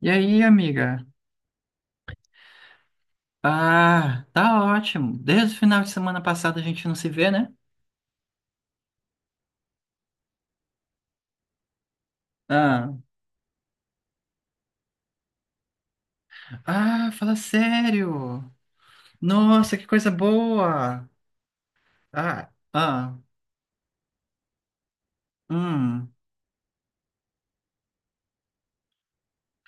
E aí, amiga? Ah, tá ótimo. Desde o final de semana passado a gente não se vê, né? Ah, ah, fala sério. Nossa, que coisa boa. Ah, ah, hum,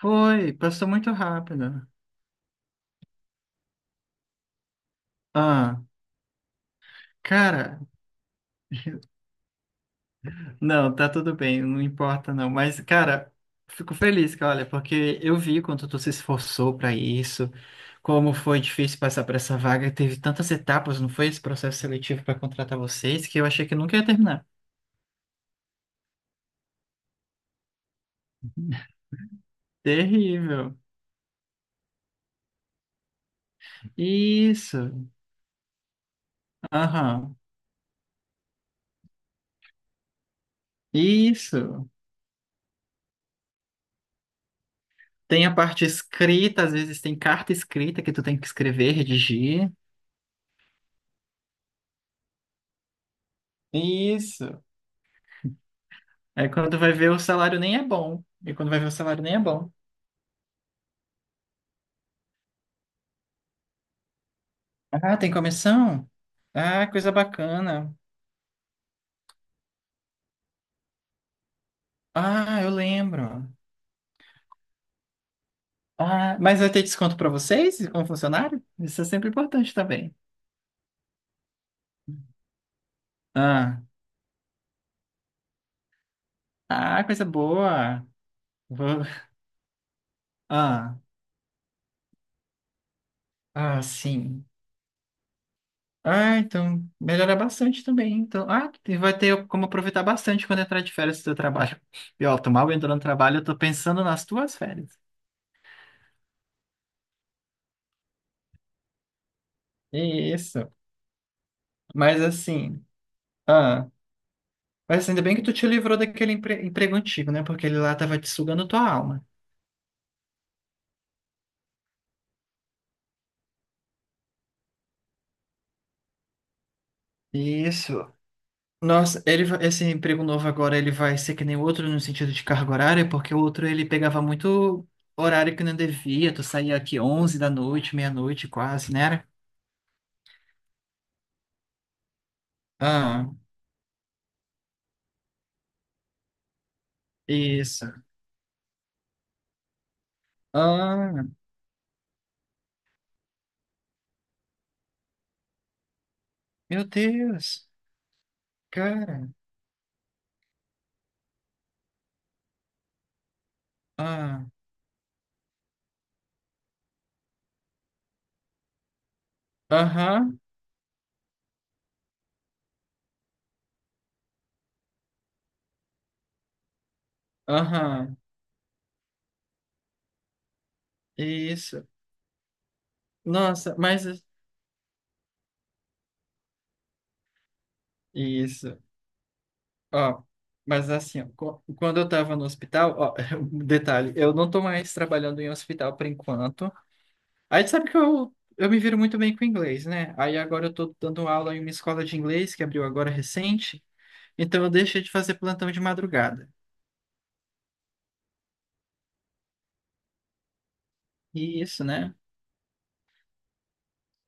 foi, passou muito rápido. Ah, cara, não, tá tudo bem, não importa não. Mas, cara, fico feliz, cara, olha, porque eu vi quanto tu se esforçou pra isso, como foi difícil passar pra essa vaga, teve tantas etapas, não foi esse processo seletivo pra contratar vocês, que eu achei que nunca ia terminar. Terrível. Isso. Aham. Isso. Tem a parte escrita, às vezes tem carta escrita que tu tem que escrever, redigir. Isso. Aí quando vai ver o salário nem é bom. E quando vai ver o salário nem é bom. Ah, tem comissão? Ah, coisa bacana. Ah, eu lembro. Ah, mas vai ter desconto para vocês, como funcionário? Isso é sempre importante também. Ah, ah, coisa boa. Vou- Ah, sim. Ah, então melhora bastante também. Então, e vai ter como aproveitar bastante quando entrar de férias do seu trabalho. E ó, tô mal entrando no trabalho, eu tô pensando nas tuas férias. Isso. Mas assim, ah. Mas assim, ainda bem que tu te livrou daquele emprego antigo, né? Porque ele lá tava te sugando tua alma. Isso. Nossa, esse emprego novo agora, ele vai ser que nem o outro no sentido de carga horária, porque o outro ele pegava muito horário que não devia, tu saía aqui 11 da noite, meia-noite quase, né? Ah, isso. Ah, meu Deus. Cara. Ah, aham, aham, isso. Nossa, mas... Isso. Ó, mas assim, ó, quando eu tava no hospital, ó, um detalhe, eu não tô mais trabalhando em hospital por enquanto. Aí sabe que eu me viro muito bem com inglês, né? Aí agora eu tô dando aula em uma escola de inglês que abriu agora recente, então eu deixei de fazer plantão de madrugada. E isso, né?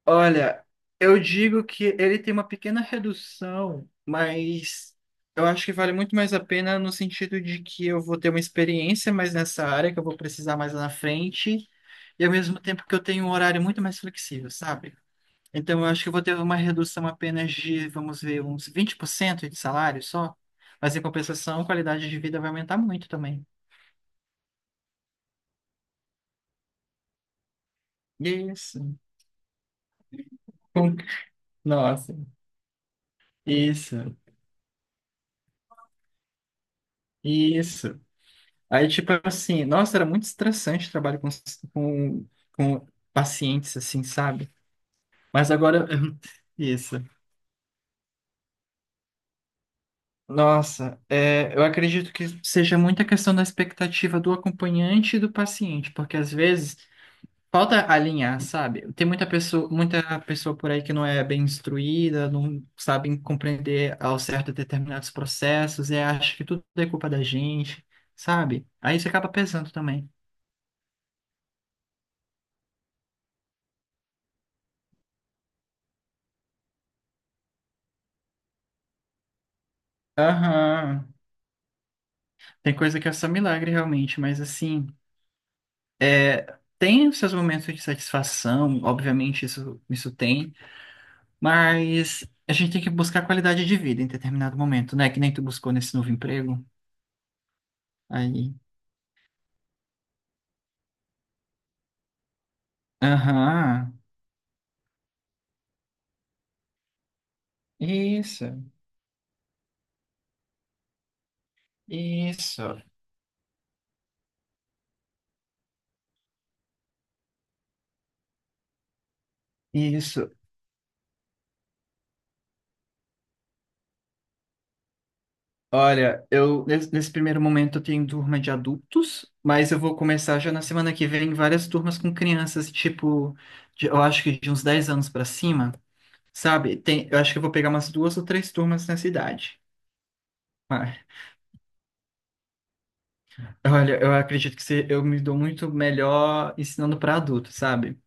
Olha, eu digo que ele tem uma pequena redução, mas eu acho que vale muito mais a pena no sentido de que eu vou ter uma experiência mais nessa área, que eu vou precisar mais lá na frente. E ao mesmo tempo que eu tenho um horário muito mais flexível, sabe? Então eu acho que eu vou ter uma redução apenas de, vamos ver, uns 20% de salário só. Mas em compensação, a qualidade de vida vai aumentar muito também. Isso. Com- Nossa. Isso. Isso. Aí, tipo assim, nossa, era muito estressante trabalho com, com pacientes, assim, sabe? Mas agora. Isso. Nossa, é, eu acredito que seja muita questão da expectativa do acompanhante e do paciente, porque às vezes falta alinhar, sabe? Tem muita pessoa por aí que não é bem instruída, não sabe compreender ao certo determinados processos e acha que tudo é culpa da gente, sabe? Aí isso acaba pesando também. Aham. Tem coisa que é só milagre realmente, mas assim, é, tem os seus momentos de satisfação, obviamente isso, isso tem, mas a gente tem que buscar qualidade de vida em determinado momento, né? Que nem tu buscou nesse novo emprego. Aí. Aham. Isso. Isso, isso. Olha, eu nesse primeiro momento eu tenho turma de adultos, mas eu vou começar já na semana que vem várias turmas com crianças, tipo, eu acho que de uns 10 anos pra cima, sabe? Tem, eu acho que eu vou pegar umas duas ou três turmas nessa idade. Mas, olha, eu acredito que eu me dou muito melhor ensinando pra adulto, sabe?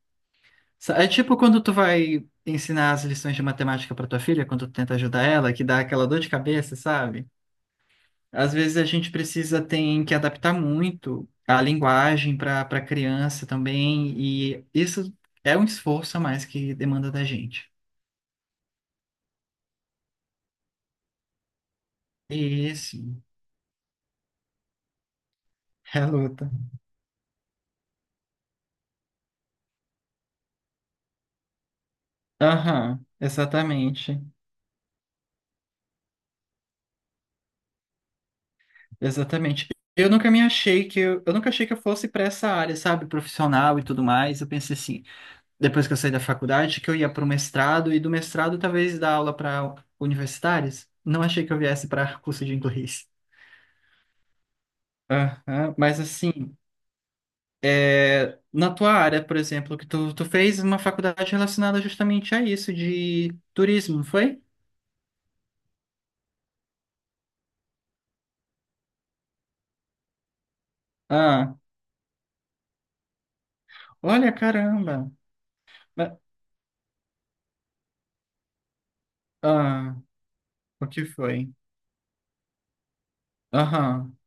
É tipo quando tu vai ensinar as lições de matemática pra tua filha, quando tu tenta ajudar ela, que dá aquela dor de cabeça, sabe? Às vezes a gente precisa tem que adaptar muito a linguagem para criança também, e isso é um esforço a mais que demanda da gente. Isso, é a luta. Aham, exatamente, exatamente. Eu nunca achei que eu fosse para essa área, sabe, profissional e tudo mais. Eu pensei assim, depois que eu saí da faculdade, que eu ia para o mestrado e do mestrado talvez dar aula para universitários. Não achei que eu viesse para curso de inglês. Aham, mas assim, na tua área, por exemplo, que tu fez uma faculdade relacionada justamente a isso, de turismo, não foi? Ah, olha, caramba. Ma- Ah, o que foi? Aham.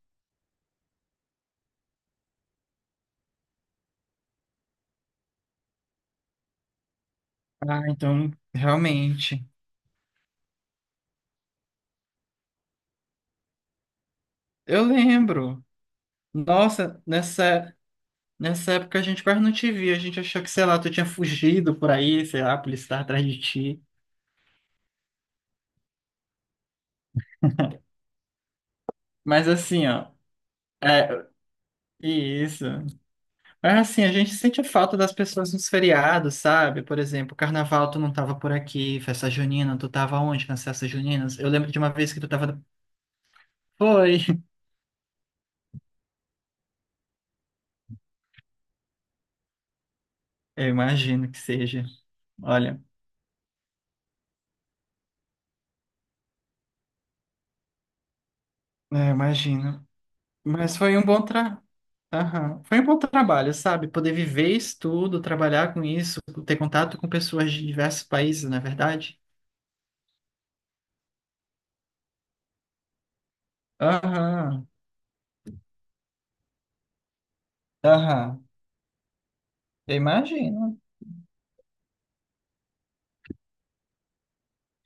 Ah, então, realmente. Eu lembro. Nossa, nessa época a gente quase não te via. A gente achou que, sei lá, tu tinha fugido por aí, sei lá, a polícia estava atrás de ti. Mas assim, ó. É, isso. É assim, a gente sente falta das pessoas nos feriados, sabe? Por exemplo, carnaval tu não tava por aqui, festa junina, tu tava onde nas festas juninas? Eu lembro de uma vez que tu tava... Foi! Eu imagino que seja. Olha, é, imagino. Mas foi um bom tra... Aham. Foi um bom trabalho, sabe? Poder viver isso tudo, trabalhar com isso, ter contato com pessoas de diversos países, não é verdade? Aham, aham. Eu imagino.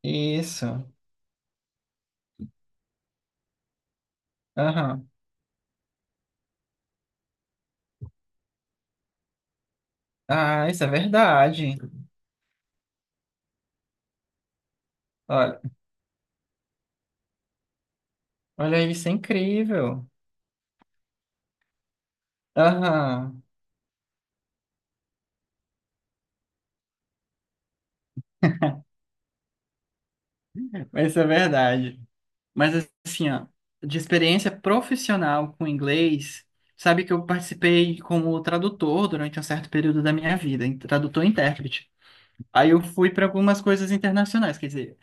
Isso. Aham. Ah, isso é verdade. Olha aí, isso é incrível. Aham, mas isso é verdade. Mas assim, ó, de experiência profissional com inglês, sabe que eu participei como tradutor durante um certo período da minha vida, tradutor e intérprete. Aí eu fui para algumas coisas internacionais, quer dizer,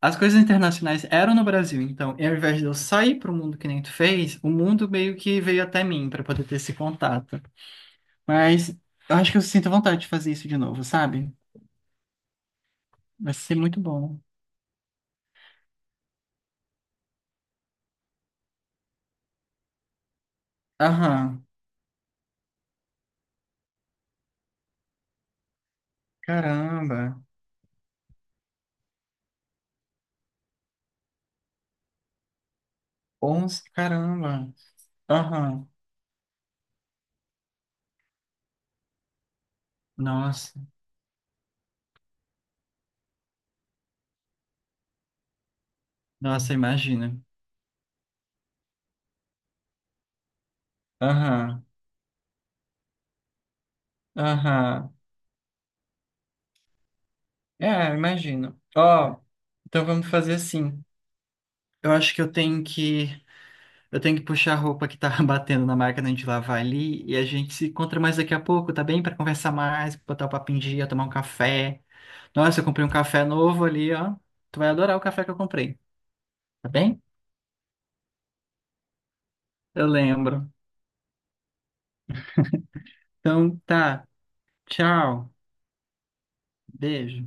as coisas internacionais eram no Brasil, então, e ao invés de eu sair para o mundo que nem tu fez, o mundo meio que veio até mim para poder ter esse contato. Mas eu acho que eu sinto vontade de fazer isso de novo, sabe? Vai ser muito bom. Aham. Caramba, 11, caramba. Aham, nossa, nossa, imagina. Aham, aham. É, imagino. Ó, então vamos fazer assim. Eu acho que eu tenho que puxar a roupa que tá batendo na máquina de lavar ali e a gente se encontra mais daqui a pouco, tá bem? Pra conversar mais, botar o papo em dia, tomar um café. Nossa, eu comprei um café novo ali, ó. Tu vai adorar o café que eu comprei, tá bem? Eu lembro. Então tá. Tchau. Beijo.